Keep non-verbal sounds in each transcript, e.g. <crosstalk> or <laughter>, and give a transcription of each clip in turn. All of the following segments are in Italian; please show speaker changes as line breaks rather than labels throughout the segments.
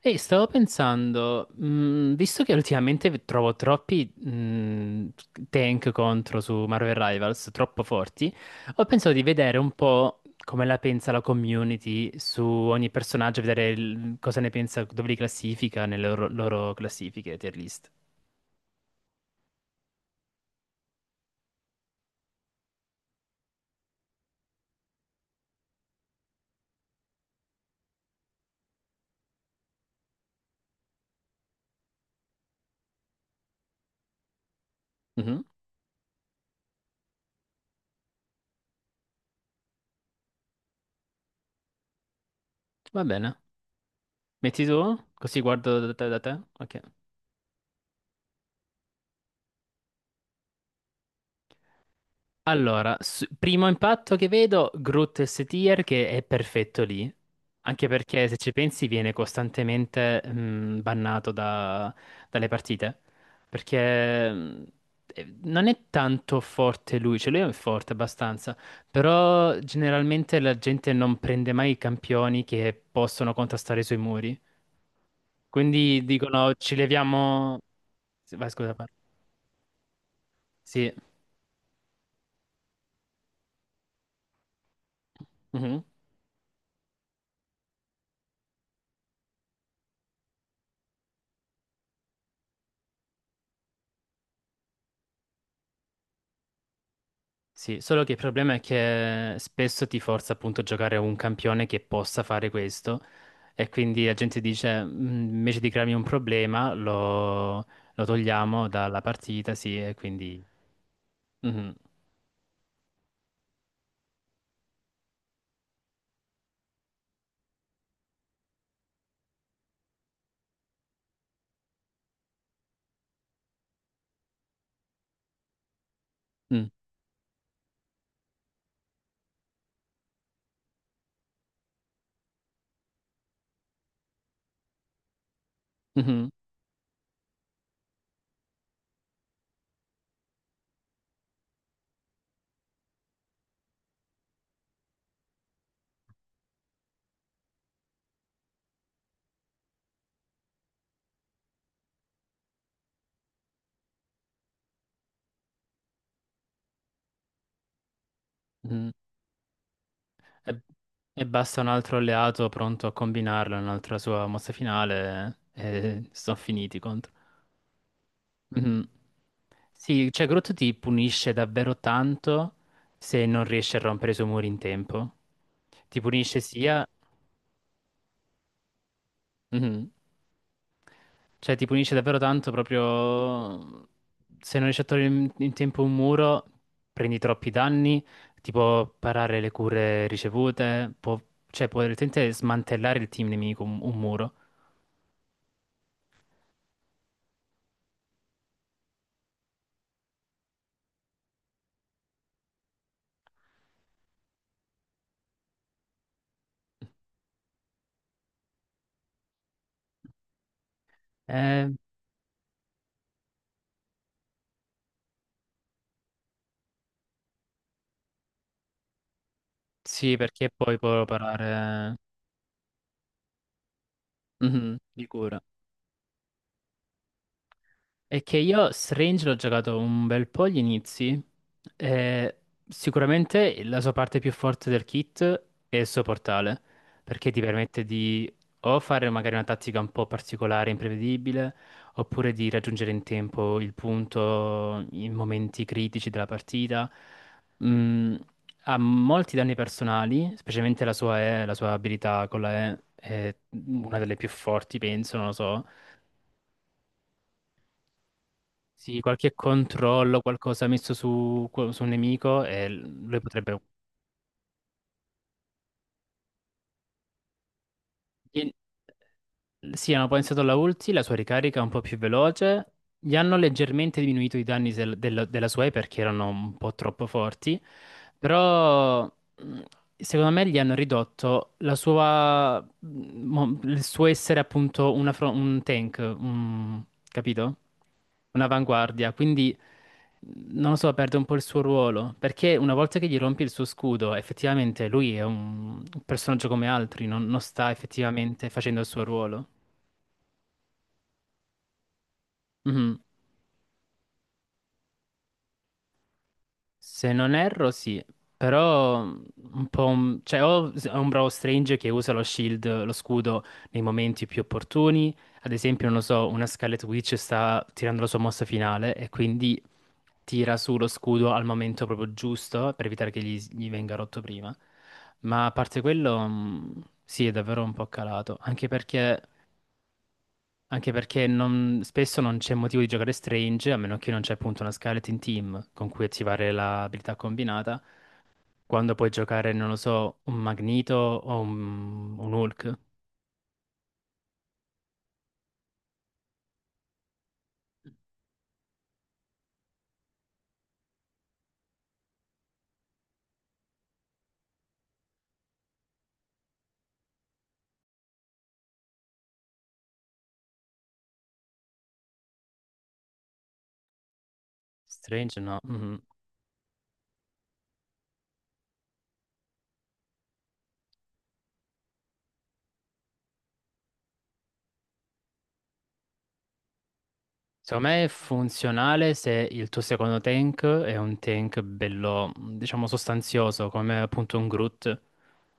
Ehi, stavo pensando, visto che ultimamente trovo troppi tank contro su Marvel Rivals, troppo forti, ho pensato di vedere un po' come la pensa la community su ogni personaggio, vedere cosa ne pensa, dove li classifica nelle loro classifiche, tier list. Mhm. Va bene. Metti tu? Così guardo da te? Ok. Allora, primo impatto che vedo, Groot S-Tier che è perfetto lì, anche perché se ci pensi viene costantemente bannato dalle partite, perché non è tanto forte lui, cioè lui è forte abbastanza, però generalmente la gente non prende mai i campioni che possono contrastare sui muri, quindi dicono ci leviamo. Vai, scusa, parlo. Sì. Mhm. Sì, solo che il problema è che spesso ti forza appunto a giocare un campione che possa fare questo e quindi la gente dice "Mm, invece di crearmi un problema lo togliamo dalla partita, sì, e quindi. Mhm, mm, mhm, mhm. E, e basta un altro alleato pronto a combinarlo, un'altra sua mossa finale e sono finiti i contro. Mhm. Sì, cioè Groot ti punisce davvero tanto se non riesci a rompere i suoi muri in tempo. Ti punisce sia. Mhm. Cioè ti punisce davvero tanto proprio. Se non riesci a togliere in tempo un muro, prendi troppi danni, ti può parare le cure ricevute, può, cioè può direttamente smantellare il team nemico, un muro. Eh, sì, perché poi può parare. Mhm, di cura. È che io Strange l'ho giocato un bel po' agli inizi. E sicuramente la sua parte più forte del kit è il suo portale, perché ti permette di o fare magari una tattica un po' particolare, imprevedibile, oppure di raggiungere in tempo il punto in momenti critici della partita. Mm, Ha molti danni personali, specialmente la sua E, la sua abilità con la E è una delle più forti, penso, non lo so. Sì, qualche controllo, qualcosa messo su un nemico e lui potrebbe. In- Sì, hanno pensato alla ulti, la sua ricarica è un po' più veloce, gli hanno leggermente diminuito i danni della sua E perché erano un po' troppo forti, però secondo me gli hanno ridotto la sua, il suo essere appunto un tank, capito? Un'avanguardia, quindi non lo so, perde un po' il suo ruolo, perché una volta che gli rompi il suo scudo, effettivamente lui è un personaggio come altri, non sta effettivamente facendo il suo ruolo. Mhm. Se non erro, sì, però un po'. Cioè, è un bravo Strange che usa lo shield, lo scudo, nei momenti più opportuni. Ad esempio, non lo so, una Scarlet Witch sta tirando la sua mossa finale e quindi tira su lo scudo al momento proprio giusto per evitare che gli venga rotto prima. Ma a parte quello, sì, è davvero un po' calato, anche perché. Anche perché spesso non c'è motivo di giocare Strange, a meno che non c'è appunto una Skeleton Team con cui attivare l'abilità combinata, quando puoi giocare, non lo so, un Magneto o un Hulk. Strange no. Mhm. Secondo me è funzionale se il tuo secondo tank è un tank bello, diciamo, sostanzioso, come appunto un Groot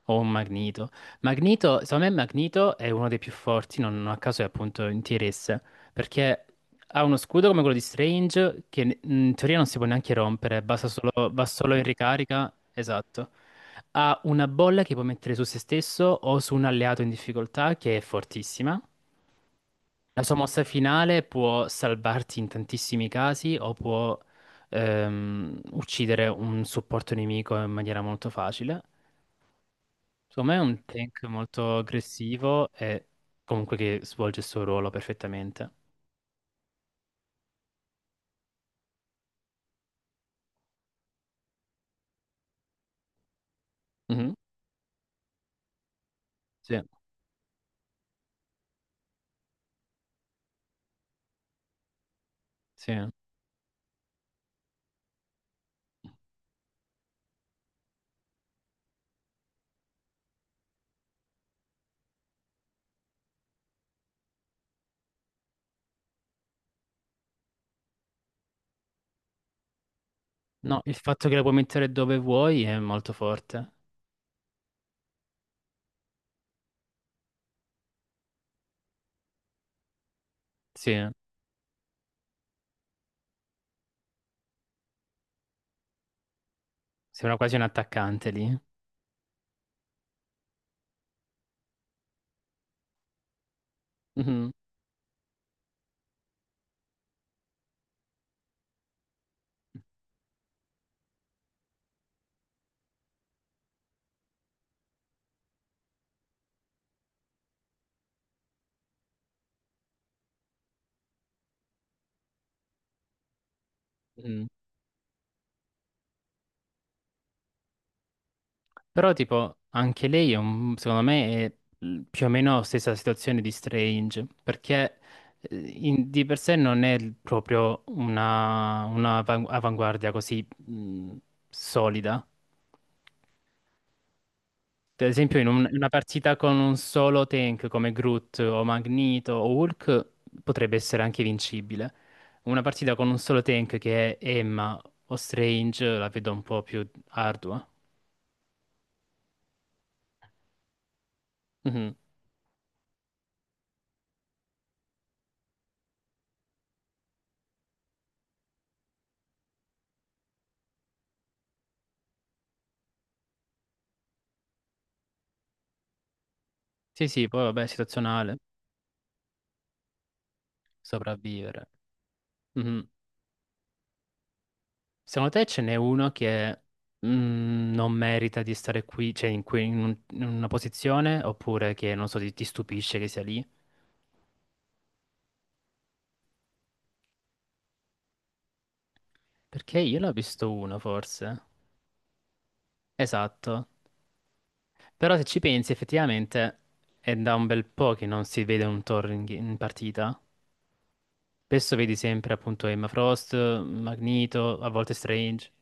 o un Magneto. Magneto, secondo me Magneto è uno dei più forti, non a caso è appunto in tier S, perché ha uno scudo come quello di Strange che in teoria non si può neanche rompere, basta solo, va solo in ricarica, esatto. Ha una bolla che può mettere su se stesso o su un alleato in difficoltà che è fortissima. La sua mossa finale può salvarti in tantissimi casi o può uccidere un supporto nemico in maniera molto facile. Secondo me è un tank molto aggressivo e comunque che svolge il suo ruolo perfettamente. Mhm. Sì, sì. No, il fatto che la puoi mettere dove vuoi è molto forte. Sì, sembra quasi un attaccante lì. Mhm. Mhm. Però, tipo, anche lei è secondo me è più o meno la stessa situazione di Strange, perché di per sé non è proprio una avanguardia così solida. Per esempio, in una partita con un solo tank come Groot o Magneto o Hulk potrebbe essere anche vincibile. Una partita con un solo tank che è Emma o Strange la vedo un po' più ardua. Mhm. Sì, sì, poi vabbè, situazionale. Sopravvivere. Mhm. Secondo te ce n'è uno che non merita di stare qui, cioè in, cui- in un- in una posizione, oppure che non so, ti stupisce che sia lì? Perché io ne ho visto uno, forse. Esatto. Però se ci pensi, effettivamente è da un bel po' che non si vede un Thor in partita. Spesso vedi sempre appunto Emma Frost, Magneto, a volte Strange.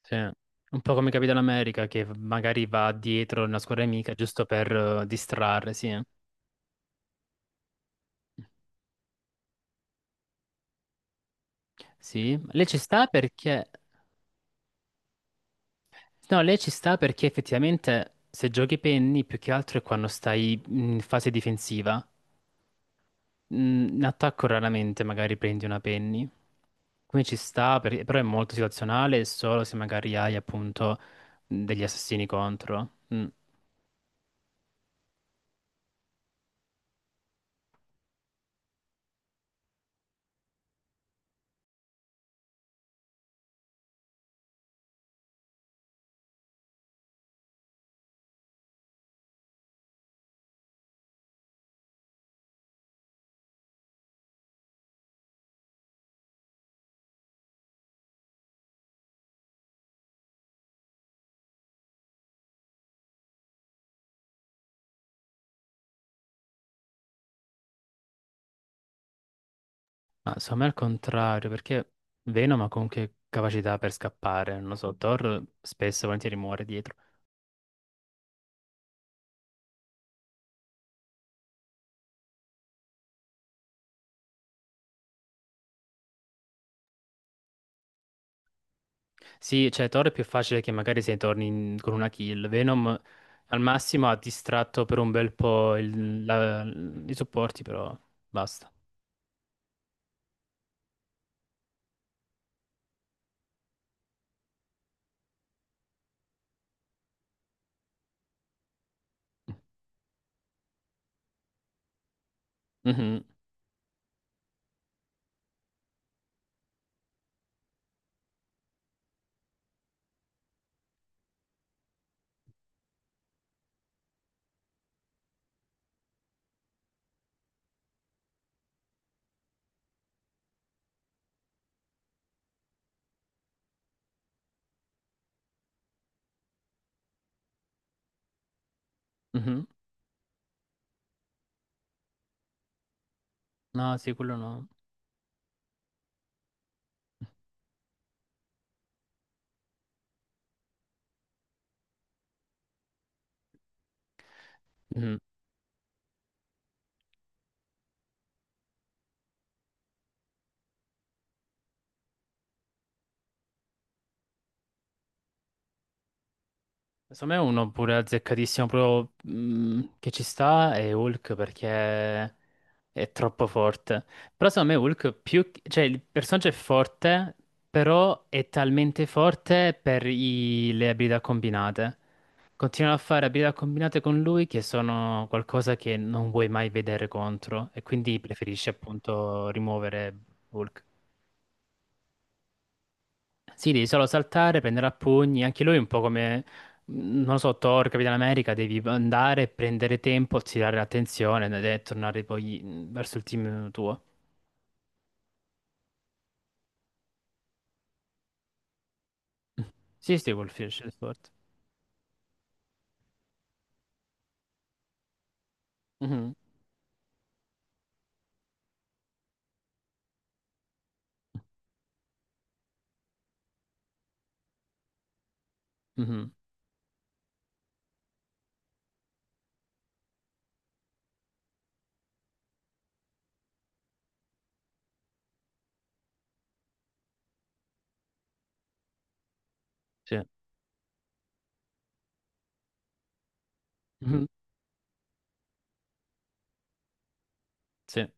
Sì. Un po' come Capitan America che magari va dietro una squadra amica giusto per distrarre, sì. Eh. Sì, lei ci sta perché. No, lei ci sta perché effettivamente se giochi penny più che altro è quando stai in fase difensiva. In attacco raramente magari prendi una penny. Quindi ci sta, però è molto situazionale solo se magari hai appunto degli assassini contro. Mm. Ma secondo me al contrario, perché Venom ha comunque capacità per scappare, non lo so, Thor spesso e volentieri muore dietro. Sì, cioè Thor è più facile che magari se torni con una kill, Venom al massimo ha distratto per un bel po' i supporti, però basta. Mm. Mhm, mhm. No, sì, quello no. Mhm. Secondo me uno pure azzeccatissimo proprio che ci sta è Hulk perché è troppo forte. Però secondo me Hulk più, cioè il personaggio è forte, però è talmente forte per le abilità combinate. Continuano a fare abilità combinate con lui che sono qualcosa che non vuoi mai vedere contro e quindi preferisci appunto rimuovere Hulk. Sì, devi solo saltare, prendere a pugni. Anche lui è un po' come, non lo so, Thor, Capitan America. Devi andare, prendere tempo, attirare l'attenzione ed è tornare poi verso il team tuo. <laughs> Sì, sì, Wolfish Sport. Mhm. Mhm. Sì. Mhm. Sì.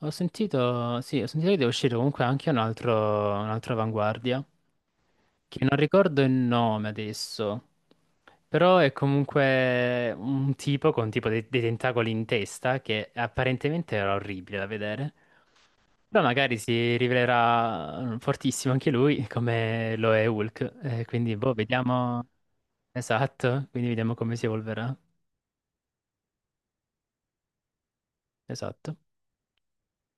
Ho sentito, sì, ho sentito che deve uscire comunque anche un altro, un'altra avanguardia. Che non ricordo il nome adesso, però è comunque un tipo con tipo dei tentacoli in testa che apparentemente era orribile da vedere, però magari si rivelerà fortissimo anche lui come lo è Hulk, quindi boh, vediamo. Esatto, quindi vediamo come si evolverà. Esatto.